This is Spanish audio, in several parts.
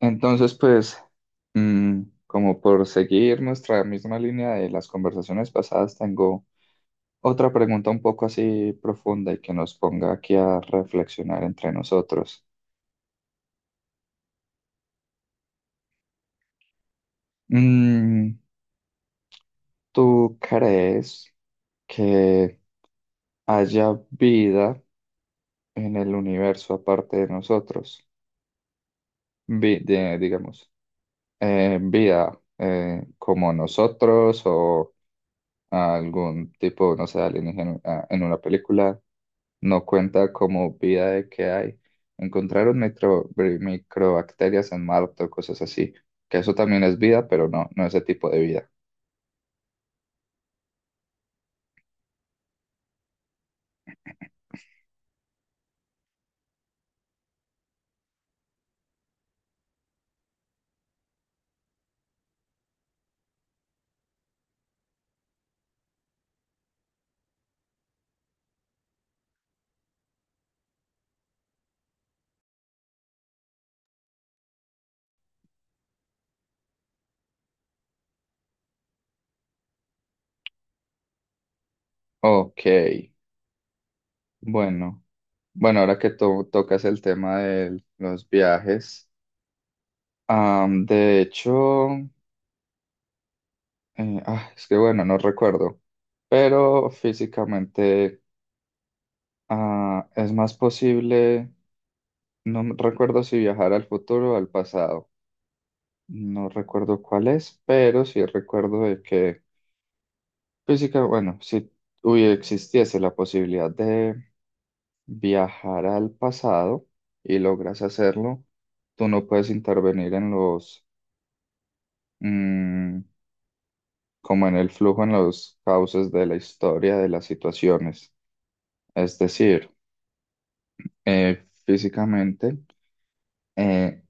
Entonces, pues, como por seguir nuestra misma línea de las conversaciones pasadas, tengo otra pregunta un poco así profunda y que nos ponga aquí a reflexionar entre nosotros. Mm, ¿Tú crees que haya vida en el universo aparte de nosotros? Digamos, vida como nosotros o a algún tipo, no sé, alienígena en una película, no cuenta como vida de que hay. Encontraron microbacterias en Marte o cosas así, que eso también es vida, pero no, no ese tipo de vida. Ok, bueno. Bueno, ahora que tocas el tema de los viajes, de hecho, es que bueno, no recuerdo, pero físicamente es más posible. No me recuerdo si viajar al futuro o al pasado. No recuerdo cuál es, pero sí recuerdo de que física, bueno, si hubiera existiese la posibilidad de viajar al pasado y logras hacerlo, tú no puedes intervenir en los, mm, como en el flujo, en los cauces de la historia, de las situaciones. Es decir, físicamente, eh,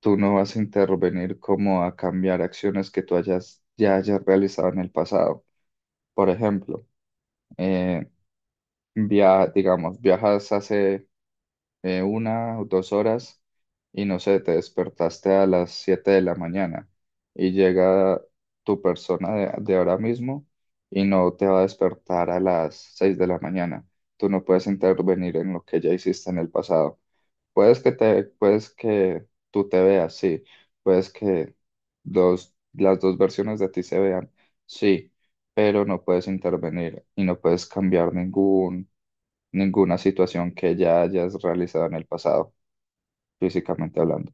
tú no vas a intervenir como a cambiar acciones que ya hayas realizado en el pasado. Por ejemplo, eh, digamos, viajas hace una o 2 horas y no sé, te despertaste a las 7 de la mañana y llega tu persona de ahora mismo y no te va a despertar a las 6 de la mañana. Tú no puedes intervenir en lo que ya hiciste en el pasado. Puedes que tú te veas, sí. Puedes que las dos versiones de ti se vean, sí. Pero no puedes intervenir y no puedes cambiar ninguna situación que ya hayas realizado en el pasado, físicamente hablando.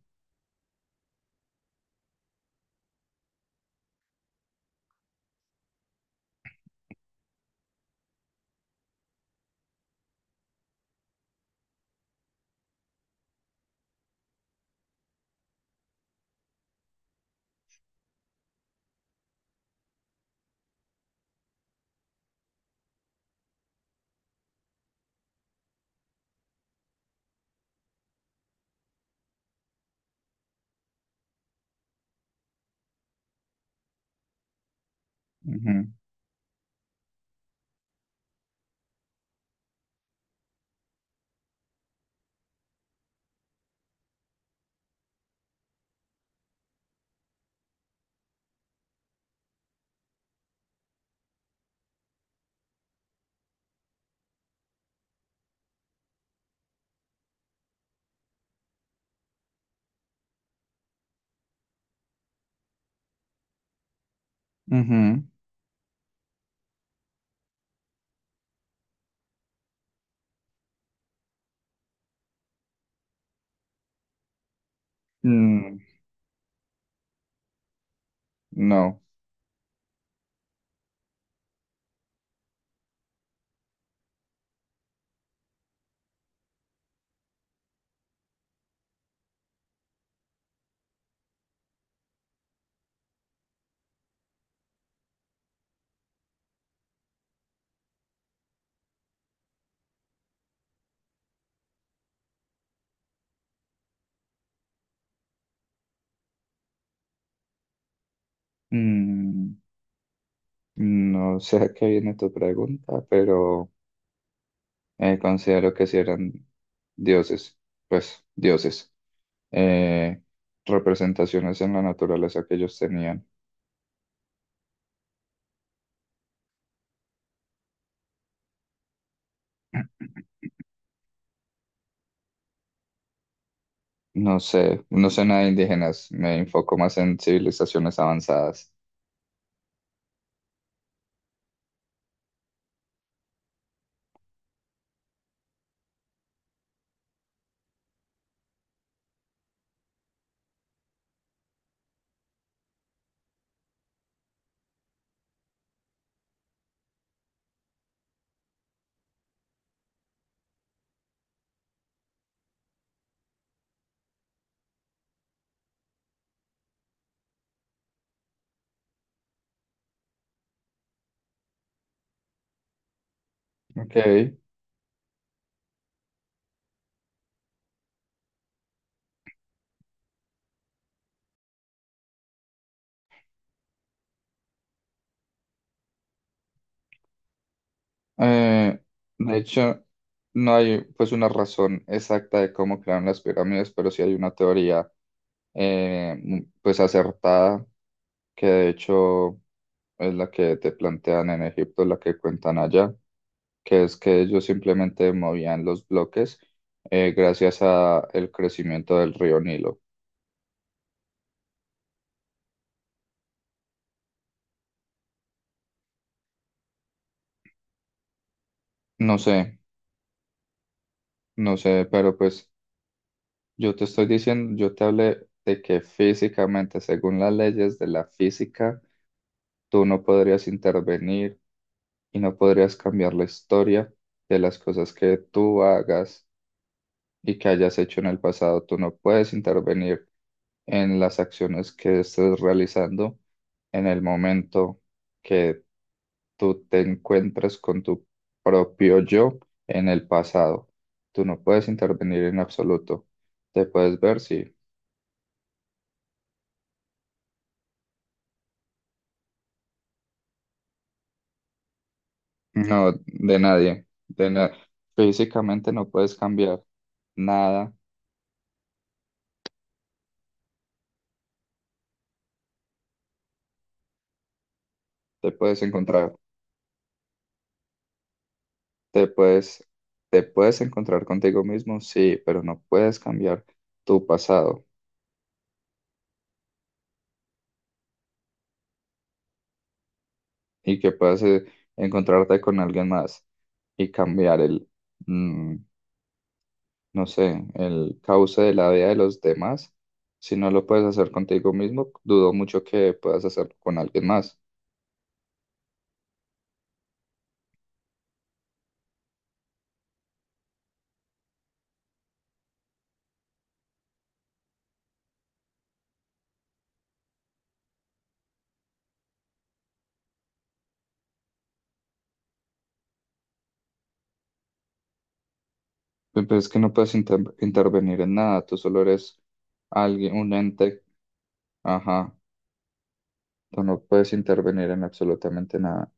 Ujú, ujú. Mm, no. Mm, no sé a qué viene tu pregunta, pero considero que si eran dioses, pues dioses. eh, Representaciones en la naturaleza que ellos tenían. No sé, no sé nada de indígenas, me enfoco más en civilizaciones avanzadas. Ok. De hecho, no hay pues una razón exacta de cómo crearon las pirámides, pero sí hay una teoría pues acertada que de hecho es la que te plantean en Egipto, la que cuentan allá, que es que ellos simplemente movían los bloques gracias a el crecimiento del río Nilo. No sé, no sé, pero pues yo te estoy diciendo, yo te hablé de que físicamente, según las leyes de la física, tú no podrías intervenir y no podrías cambiar la historia de las cosas que tú hagas, y que hayas hecho en el pasado. Tú no puedes intervenir en las acciones que estés realizando en el momento que tú te encuentras con tu propio yo en el pasado. Tú no puedes intervenir en absoluto. Te puedes ver, sí. No, de nadie. Físicamente no puedes cambiar nada. Te puedes encontrar. Te puedes, te puedes encontrar contigo mismo, sí, pero no puedes cambiar tu pasado. Y que puedas encontrarte con alguien más y cambiar el, mm, no sé, el cauce de la vida de los demás. Si no lo puedes hacer contigo mismo, dudo mucho que puedas hacerlo con alguien más. Pero es que no puedes intervenir en nada, tú solo eres alguien, un ente, ajá, tú no puedes intervenir en absolutamente nada.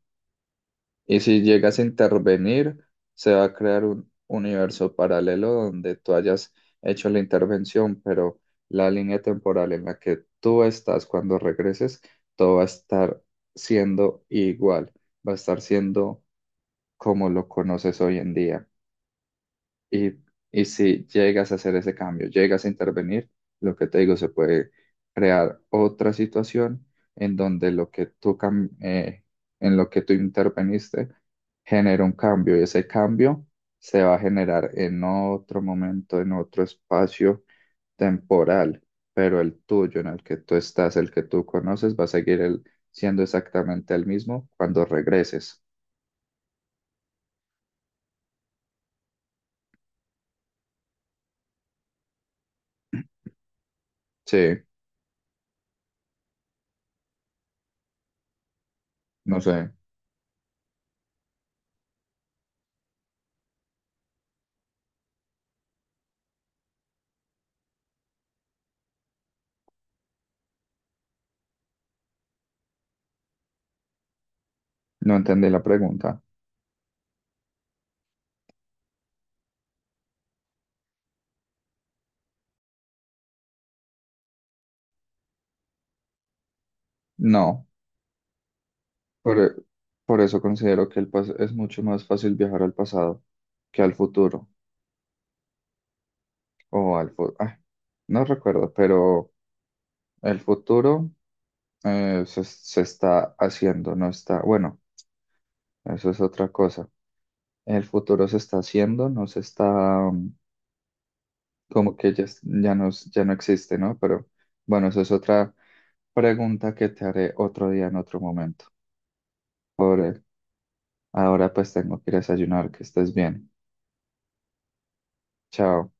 Y si llegas a intervenir, se va a crear un universo paralelo donde tú hayas hecho la intervención, pero la línea temporal en la que tú estás cuando regreses, todo va a estar siendo igual, va a estar siendo como lo conoces hoy en día. Y, y si llegas a hacer ese cambio, llegas a intervenir, lo que te digo, se puede crear otra situación en donde lo que en lo que tú interveniste genera un cambio y ese cambio se va a generar en otro momento, en otro espacio temporal, pero el tuyo, en el que tú estás, el que tú conoces, va a seguir siendo exactamente el mismo cuando regreses. Sí, no sé, no entendí la pregunta. No. Por, e- por eso considero que es mucho más fácil viajar al pasado que al futuro. O no recuerdo, pero el futuro se está haciendo, no está. Bueno, eso es otra cosa. El futuro se está haciendo, no se está mm, como que ya, ya no, ya no existe, ¿no? Pero bueno, eso es otra pregunta que te haré otro día en otro momento. Por ahora pues tengo que ir a desayunar, que estés bien. Chao.